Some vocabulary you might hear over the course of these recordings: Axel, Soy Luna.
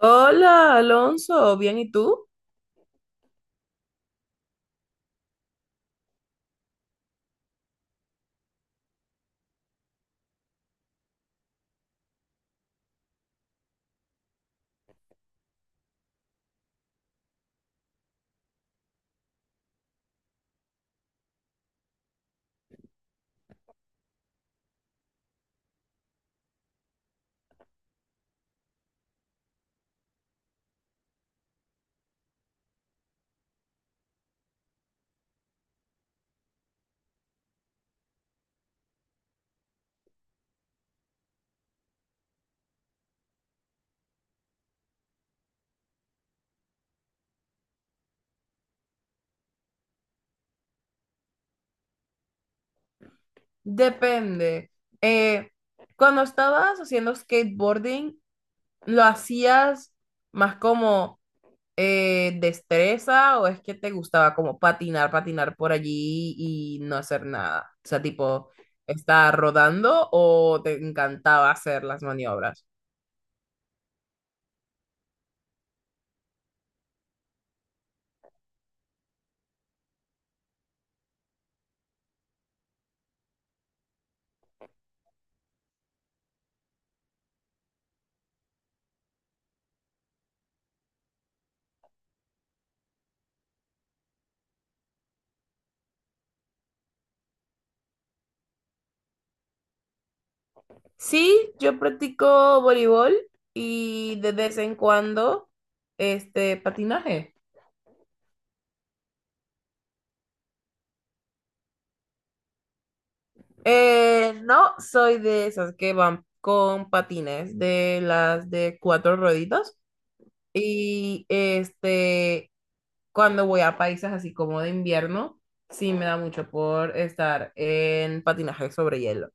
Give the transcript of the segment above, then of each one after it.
Hola, Alonso, ¿bien y tú? Depende. Eh, Cuando estabas haciendo skateboarding, ¿lo hacías más como destreza o es que te gustaba como patinar por allí y no hacer nada? O sea, tipo, ¿estar rodando o te encantaba hacer las maniobras? Sí, yo practico voleibol y de vez en cuando este patinaje. No soy de esas que van con patines, de las de cuatro rueditas. Y este, cuando voy a países así como de invierno, sí me da mucho por estar en patinaje sobre hielo.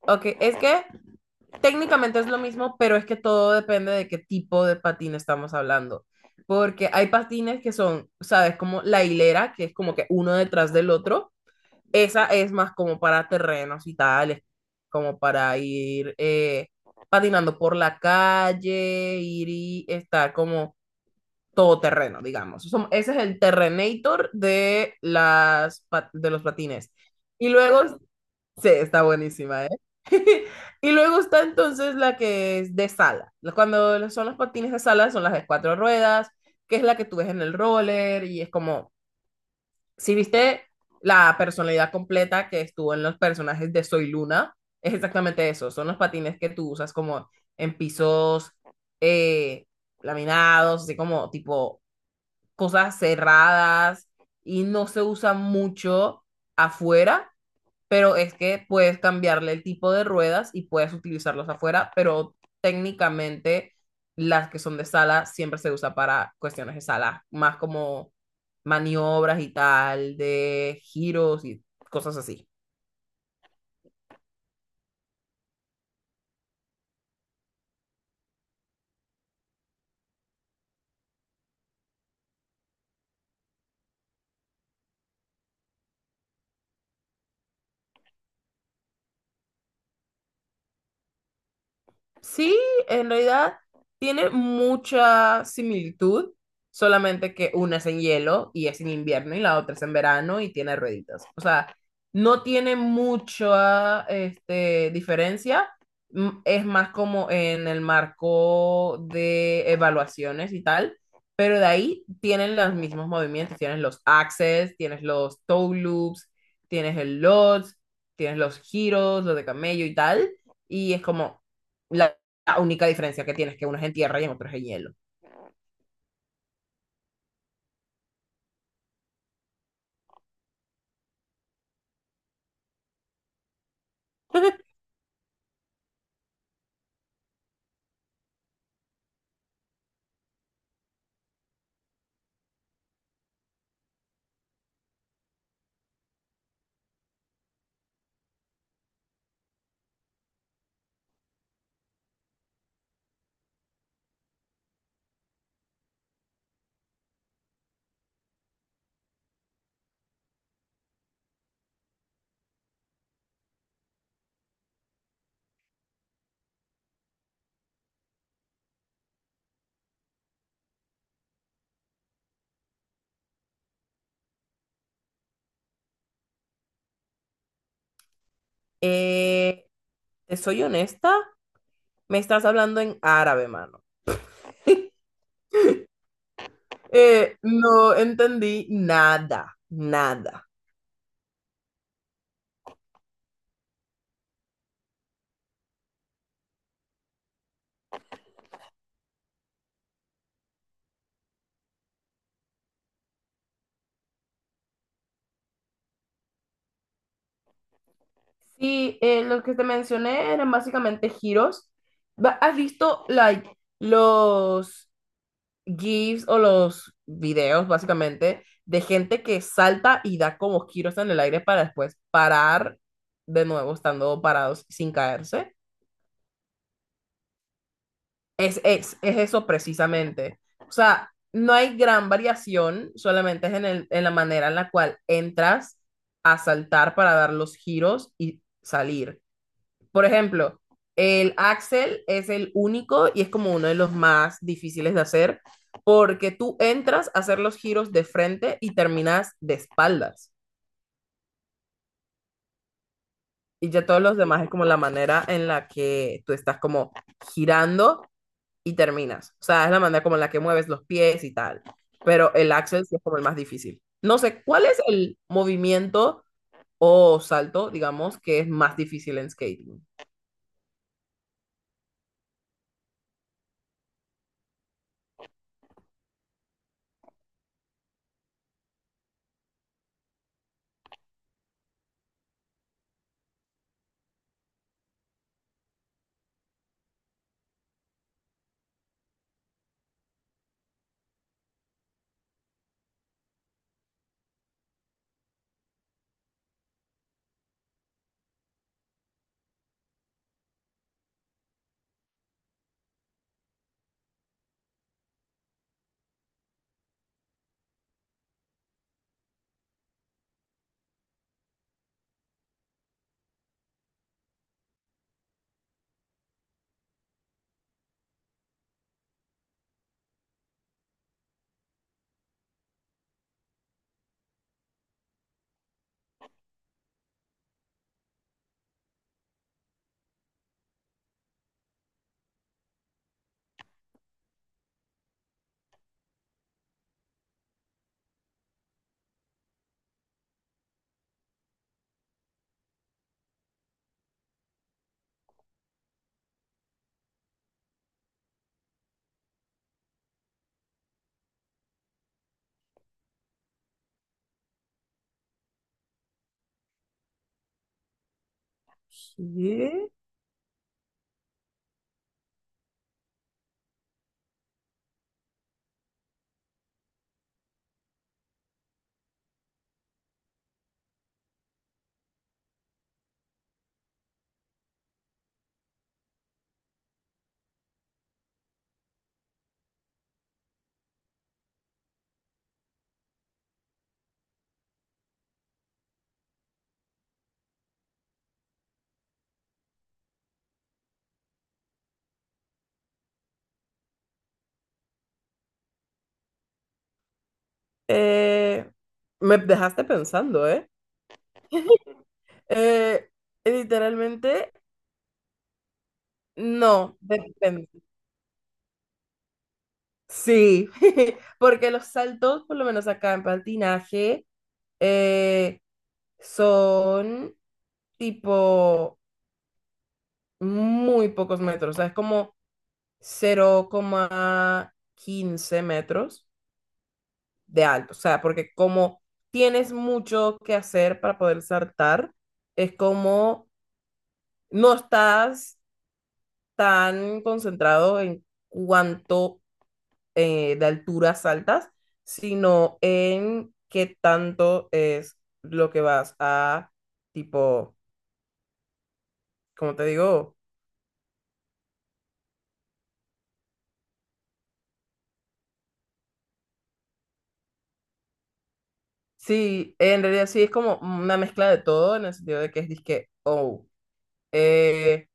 Ok, es que técnicamente es lo mismo, pero es que todo depende de qué tipo de patín estamos hablando. Porque hay patines que son, ¿sabes? Como la hilera, que es como que uno detrás del otro. Esa es más como para terrenos y tales, como para ir patinando por la calle, ir y estar como todo terreno, digamos. Ese es el Terrenator de, las, de los patines. Y luego, sí, está buenísima, ¿eh? Y luego está entonces la que es de sala. Cuando son los patines de sala, son las de cuatro ruedas, que es la que tú ves en el roller y es como si viste la personalidad completa que estuvo en los personajes de Soy Luna, es exactamente eso. Son los patines que tú usas como en pisos eh, laminados, así como tipo cosas cerradas y no se usa mucho afuera, pero es que puedes cambiarle el tipo de ruedas y puedes utilizarlos afuera, pero técnicamente las que son de sala siempre se usa para cuestiones de sala, más como maniobras y tal, de giros y cosas así. Sí, en realidad tiene mucha similitud, solamente que una es en hielo y es en invierno y la otra es en verano y tiene rueditas. O sea, no tiene mucha este, diferencia, es más como en el marco de evaluaciones y tal, pero de ahí tienen los mismos movimientos, tienes los axes, tienes los toe loops, tienes el lodge, tienes los giros, los de camello y tal, y es como... La la única diferencia que tienes, es que uno es en tierra y en otro es en hielo. Eh, te soy honesta, me estás hablando en árabe, mano. No entendí nada, nada. Sí, los que te mencioné eran básicamente giros. ¿Has visto like, los GIFs o los videos, básicamente, de gente que salta y da como giros en el aire para después parar de nuevo estando parados sin caerse. Es eso precisamente. O sea, no hay gran variación, solamente es en en la manera en la cual entras a saltar para dar los giros y salir. Por ejemplo, el Axel es el único y es como uno de los más difíciles de hacer porque tú entras a hacer los giros de frente y terminas de espaldas. Y ya todos los demás es como la manera en la que tú estás como girando y terminas. O sea, es la manera como en la que mueves los pies y tal. Pero el Axel sí es como el más difícil. No sé, ¿cuál es el movimiento o salto, digamos, que es más difícil en skating? Sí. Eh, me dejaste pensando, ¿eh? Eh, literalmente, no, depende. Sí, porque los saltos, por lo menos acá en patinaje, eh, son tipo muy pocos metros, o sea, es como 0,15 metros de alto, o sea, porque como tienes mucho que hacer para poder saltar, es como no estás tan concentrado en cuánto de altura saltas, sino en qué tanto es lo que vas a, tipo, como te digo? Sí, en realidad sí es como una mezcla de todo en el sentido de que es disque, oh, eh,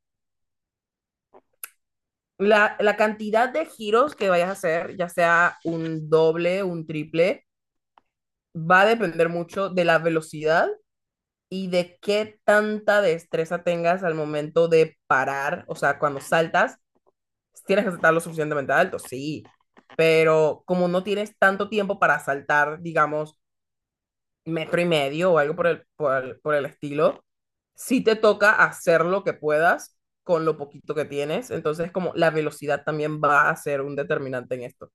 la cantidad de giros que vayas a hacer, ya sea un doble, un triple, va a depender mucho de la velocidad y de qué tanta destreza tengas al momento de parar, o sea, cuando saltas, tienes que saltar lo suficientemente alto, sí, pero como no tienes tanto tiempo para saltar, digamos, metro y medio o algo por el estilo, sí te toca hacer lo que puedas con lo poquito que tienes, entonces como la velocidad también va a ser un determinante en esto.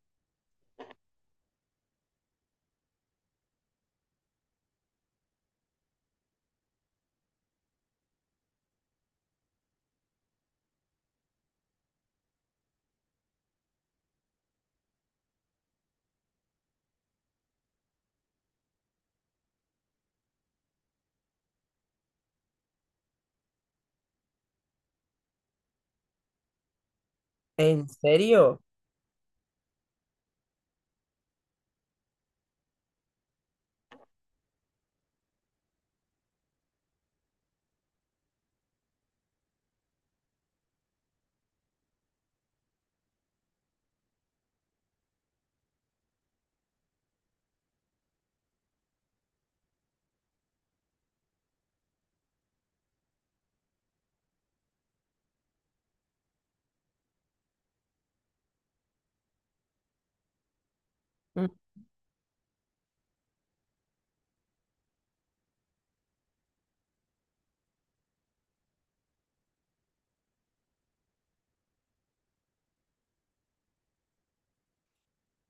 ¿En serio? Mm.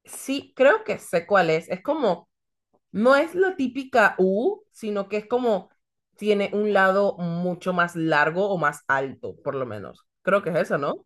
Sí, creo que sé cuál es. Es como no es la típica U, sino que es como tiene un lado mucho más largo o más alto, por lo menos. Creo que es eso, ¿no?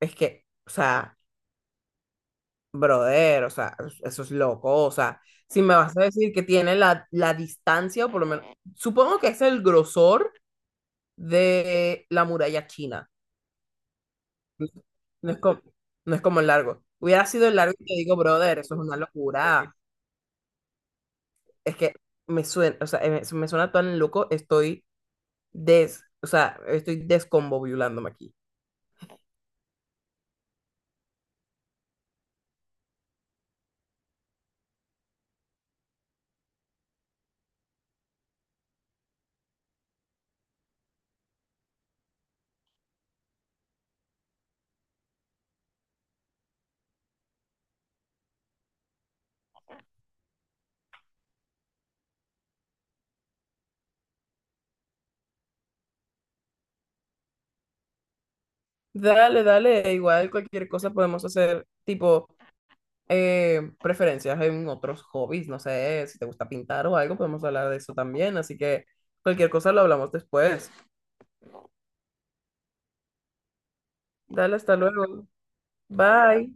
Es que, o sea, brother, o sea, eso es loco, o sea, si me vas a decir que tiene la, la distancia, o por lo menos, supongo que es el grosor de la muralla china. No no, es como, no es como el largo. Hubiera sido el largo y te digo, brother, eso es una locura. Es que me suena, o sea, me suena tan loco, estoy o sea, estoy descombobulándome aquí. Dale, dale, igual cualquier cosa podemos hacer, tipo, preferencias en otros hobbies, no sé, si te gusta pintar o algo, podemos hablar de eso también, así que cualquier cosa lo hablamos después. Dale, hasta luego. Bye.